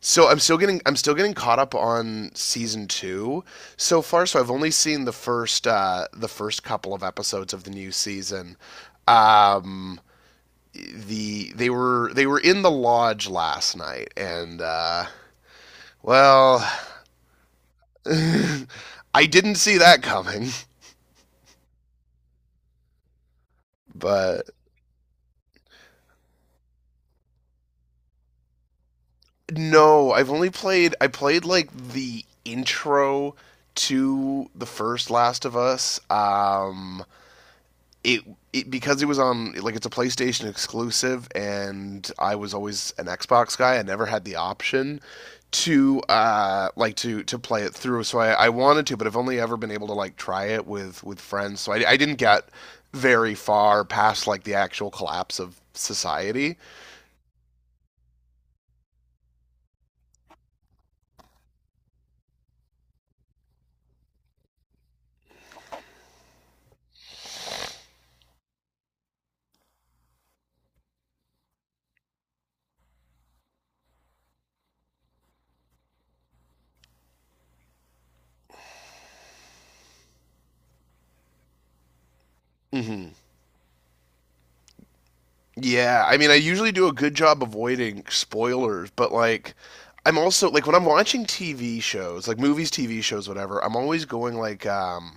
So I'm still getting caught up on season two so far. So I've only seen the first couple of episodes of the new season. Um, they were in the lodge last night, and well, I didn't see that coming. But no, I played like the intro to the first Last of Us. It, it Because it was on like it's a PlayStation exclusive, and I was always an Xbox guy. I never had the option to play it through, so I wanted to, but I've only ever been able to like try it with friends, so I didn't get very far past like the actual collapse of society. Hmm. Yeah, I mean, I usually do a good job avoiding spoilers, but like I'm also like when I'm watching TV shows, like movies, TV shows, whatever, I'm always going like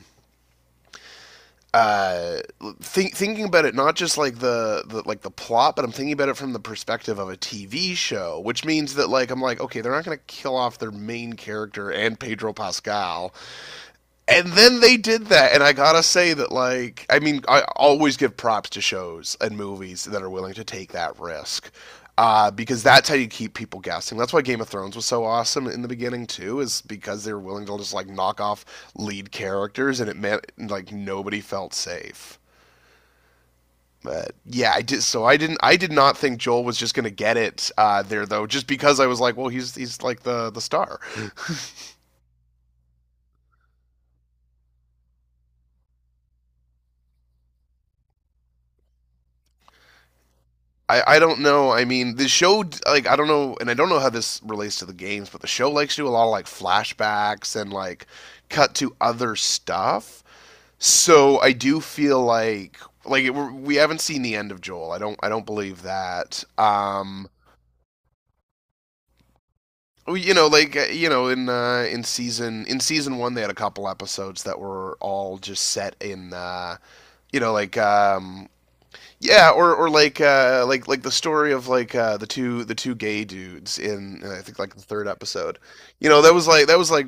uh, thinking about it, not just like the plot, but I'm thinking about it from the perspective of a TV show, which means that like I'm like, okay, they're not going to kill off their main character and Pedro Pascal, and then they did that. And I gotta say that, I always give props to shows and movies that are willing to take that risk, because that's how you keep people guessing. That's why Game of Thrones was so awesome in the beginning too, is because they were willing to just like knock off lead characters, and it meant like nobody felt safe. But yeah, I did. So I didn't. I did not think Joel was just gonna get it there, though, just because I was like, well, he's like the star. I don't know. I mean, the show, like, I don't know, and I don't know how this relates to the games, but the show likes to do a lot of, like, flashbacks and, like, cut to other stuff. So I do feel like, we have not seen the end of Joel. I don't believe that. Well, you know, like, you know, in season one, they had a couple episodes that were all just set in, you know, like, um, yeah, or like the story of like the two gay dudes in I think like the third episode. You know, that was like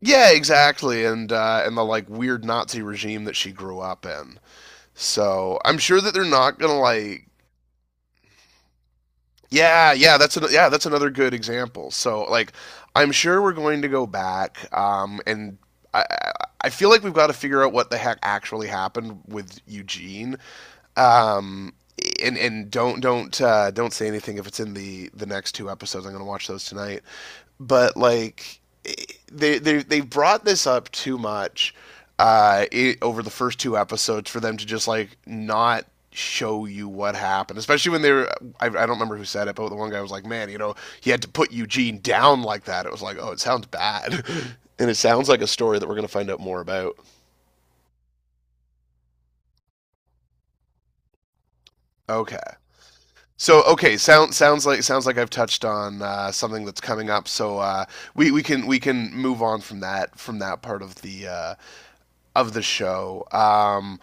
yeah, exactly. And and the like weird Nazi regime that she grew up in. So I'm sure that they're not gonna like, yeah, yeah, that's another good example. So like I'm sure we're going to go back, and I I- I feel like we've got to figure out what the heck actually happened with Eugene. Um, and don't say anything if it's in the next two episodes. I'm gonna watch those tonight. But like they brought this up too much over the first two episodes for them to just like not show you what happened, especially when they were I don't remember who said it, but the one guy was like, man, you know, he had to put Eugene down like that, it was like, oh, it sounds bad and it sounds like a story that we're going to find out more about. Okay. So okay, sounds like I've touched on something that's coming up. So we can move on from that, from that part of the show.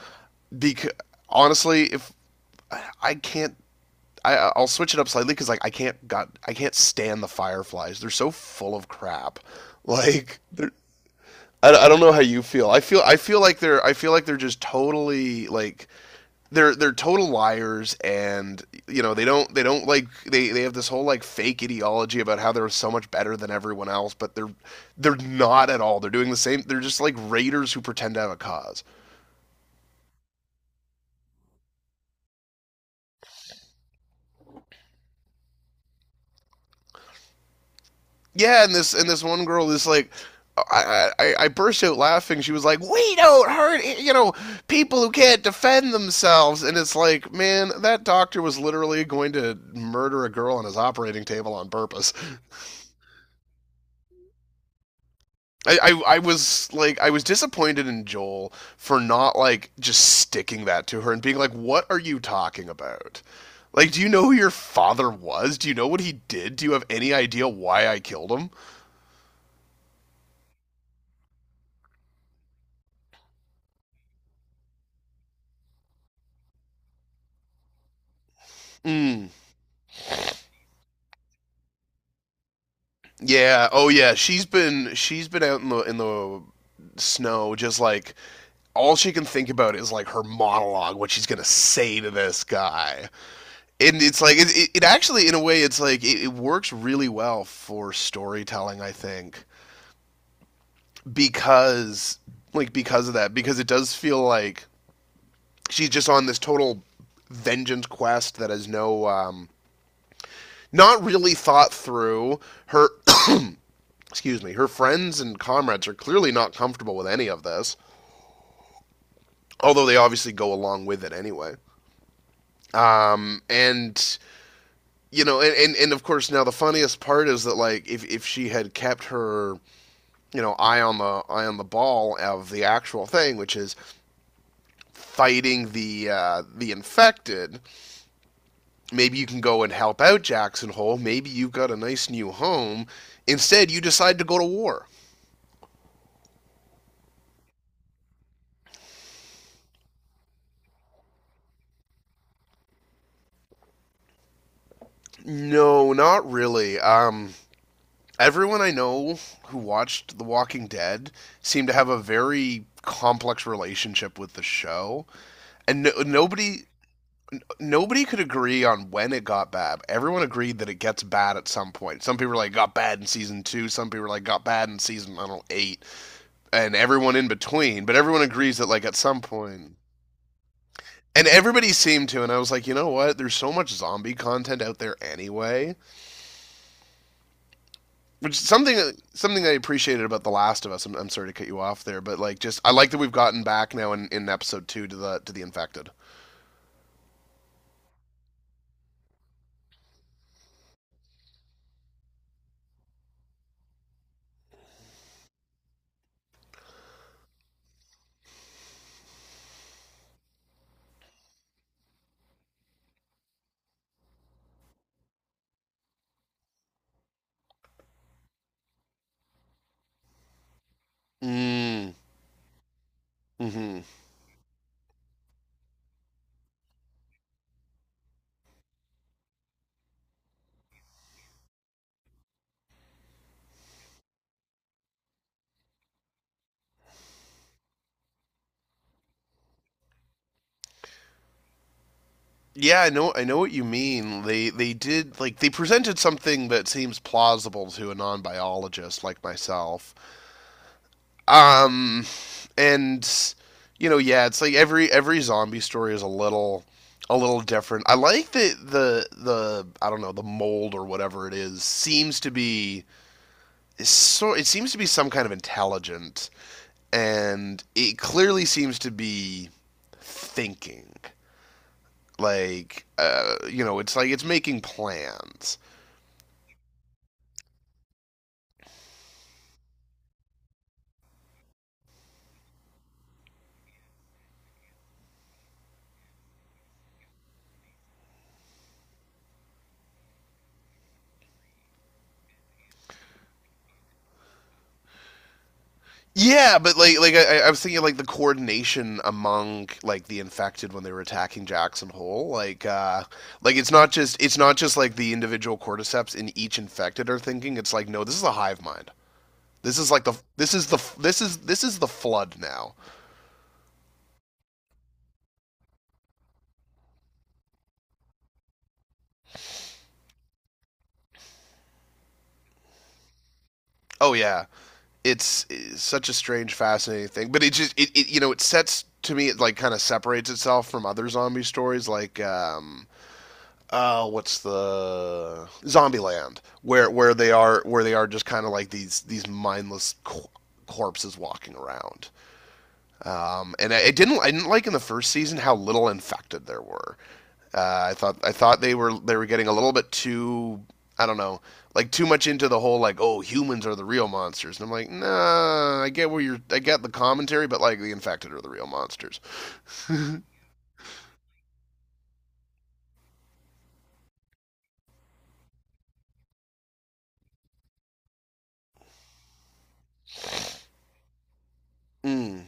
Because honestly, if I can't. I'll switch it up slightly because like I can't stand the Fireflies. They're so full of crap. Like they're, I don't know how you feel. I feel like they're I feel like they're just totally like they're total liars, and you know they don't like they have this whole like fake ideology about how they're so much better than everyone else, but they're not at all. They're doing the same. They're just like raiders who pretend to have a cause. Yeah, and this one girl is like, I burst out laughing. She was like, "We don't hurt, you know, people who can't defend themselves." And it's like, man, that doctor was literally going to murder a girl on his operating table on purpose. I, I was like, I was disappointed in Joel for not like just sticking that to her and being like, "What are you talking about? Like, do you know who your father was? Do you know what he did? Do you have any idea why I killed him?" Mm, yeah. Oh yeah. She's been out in the snow just like all she can think about is like her monologue, what she's gonna say to this guy, and it's like it actually, in a way, it's like it works really well for storytelling, I think, because like because of that, because it does feel like she's just on this total vengeance quest that has not really thought through her excuse me, her friends and comrades are clearly not comfortable with any of this, although they obviously go along with it anyway. And You know, and of course now the funniest part is that like if she had kept her, you know, eye on the ball of the actual thing, which is fighting the infected, maybe you can go and help out Jackson Hole. Maybe you've got a nice new home. Instead, you decide to go to war. No, not really. Everyone I know who watched The Walking Dead seemed to have a very complex relationship with the show, and nobody could agree on when it got bad. Everyone agreed that it gets bad at some point. Some people were like got bad in season two. Some people were like got bad in season, I don't know, eight, and everyone in between. But everyone agrees that like at some point, and everybody seemed to, and I was like, you know what? There's so much zombie content out there anyway. Which is something, I appreciated about The Last of Us. I'm sorry to cut you off there, but like, just I like that we've gotten back now in episode two to the infected. Mm. Hmm. Yeah, I know. I know what you mean. They did like they presented something that seems plausible to a non biologist like myself. Um, and you know, yeah, it's like every zombie story is a little, different. I like that the I don't know the mold or whatever it is seems to be, so it seems to be some kind of intelligent, and it clearly seems to be thinking. Like you know, it's like it's making plans. Yeah, but like I was thinking like the coordination among like the infected when they were attacking Jackson Hole, like it's not just like the individual cordyceps in each infected are thinking. It's like, no, this is a hive mind. This is like the this is the flood now. Oh yeah, it's such a strange, fascinating thing. But it you know it sets, to me it like kind of separates itself from other zombie stories like what's the Zombieland, where where they are just kind of like these mindless corpses walking around. And I didn't like in the first season how little infected there were. I thought they were getting a little bit too, I don't know, like too much into the whole like, oh, humans are the real monsters, and I'm like, nah, I get where you're, I get the commentary, but like the infected are the real monsters. Mm.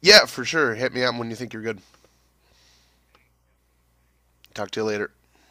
Yeah, for sure. Hit me up when you think you're good. Talk to you later.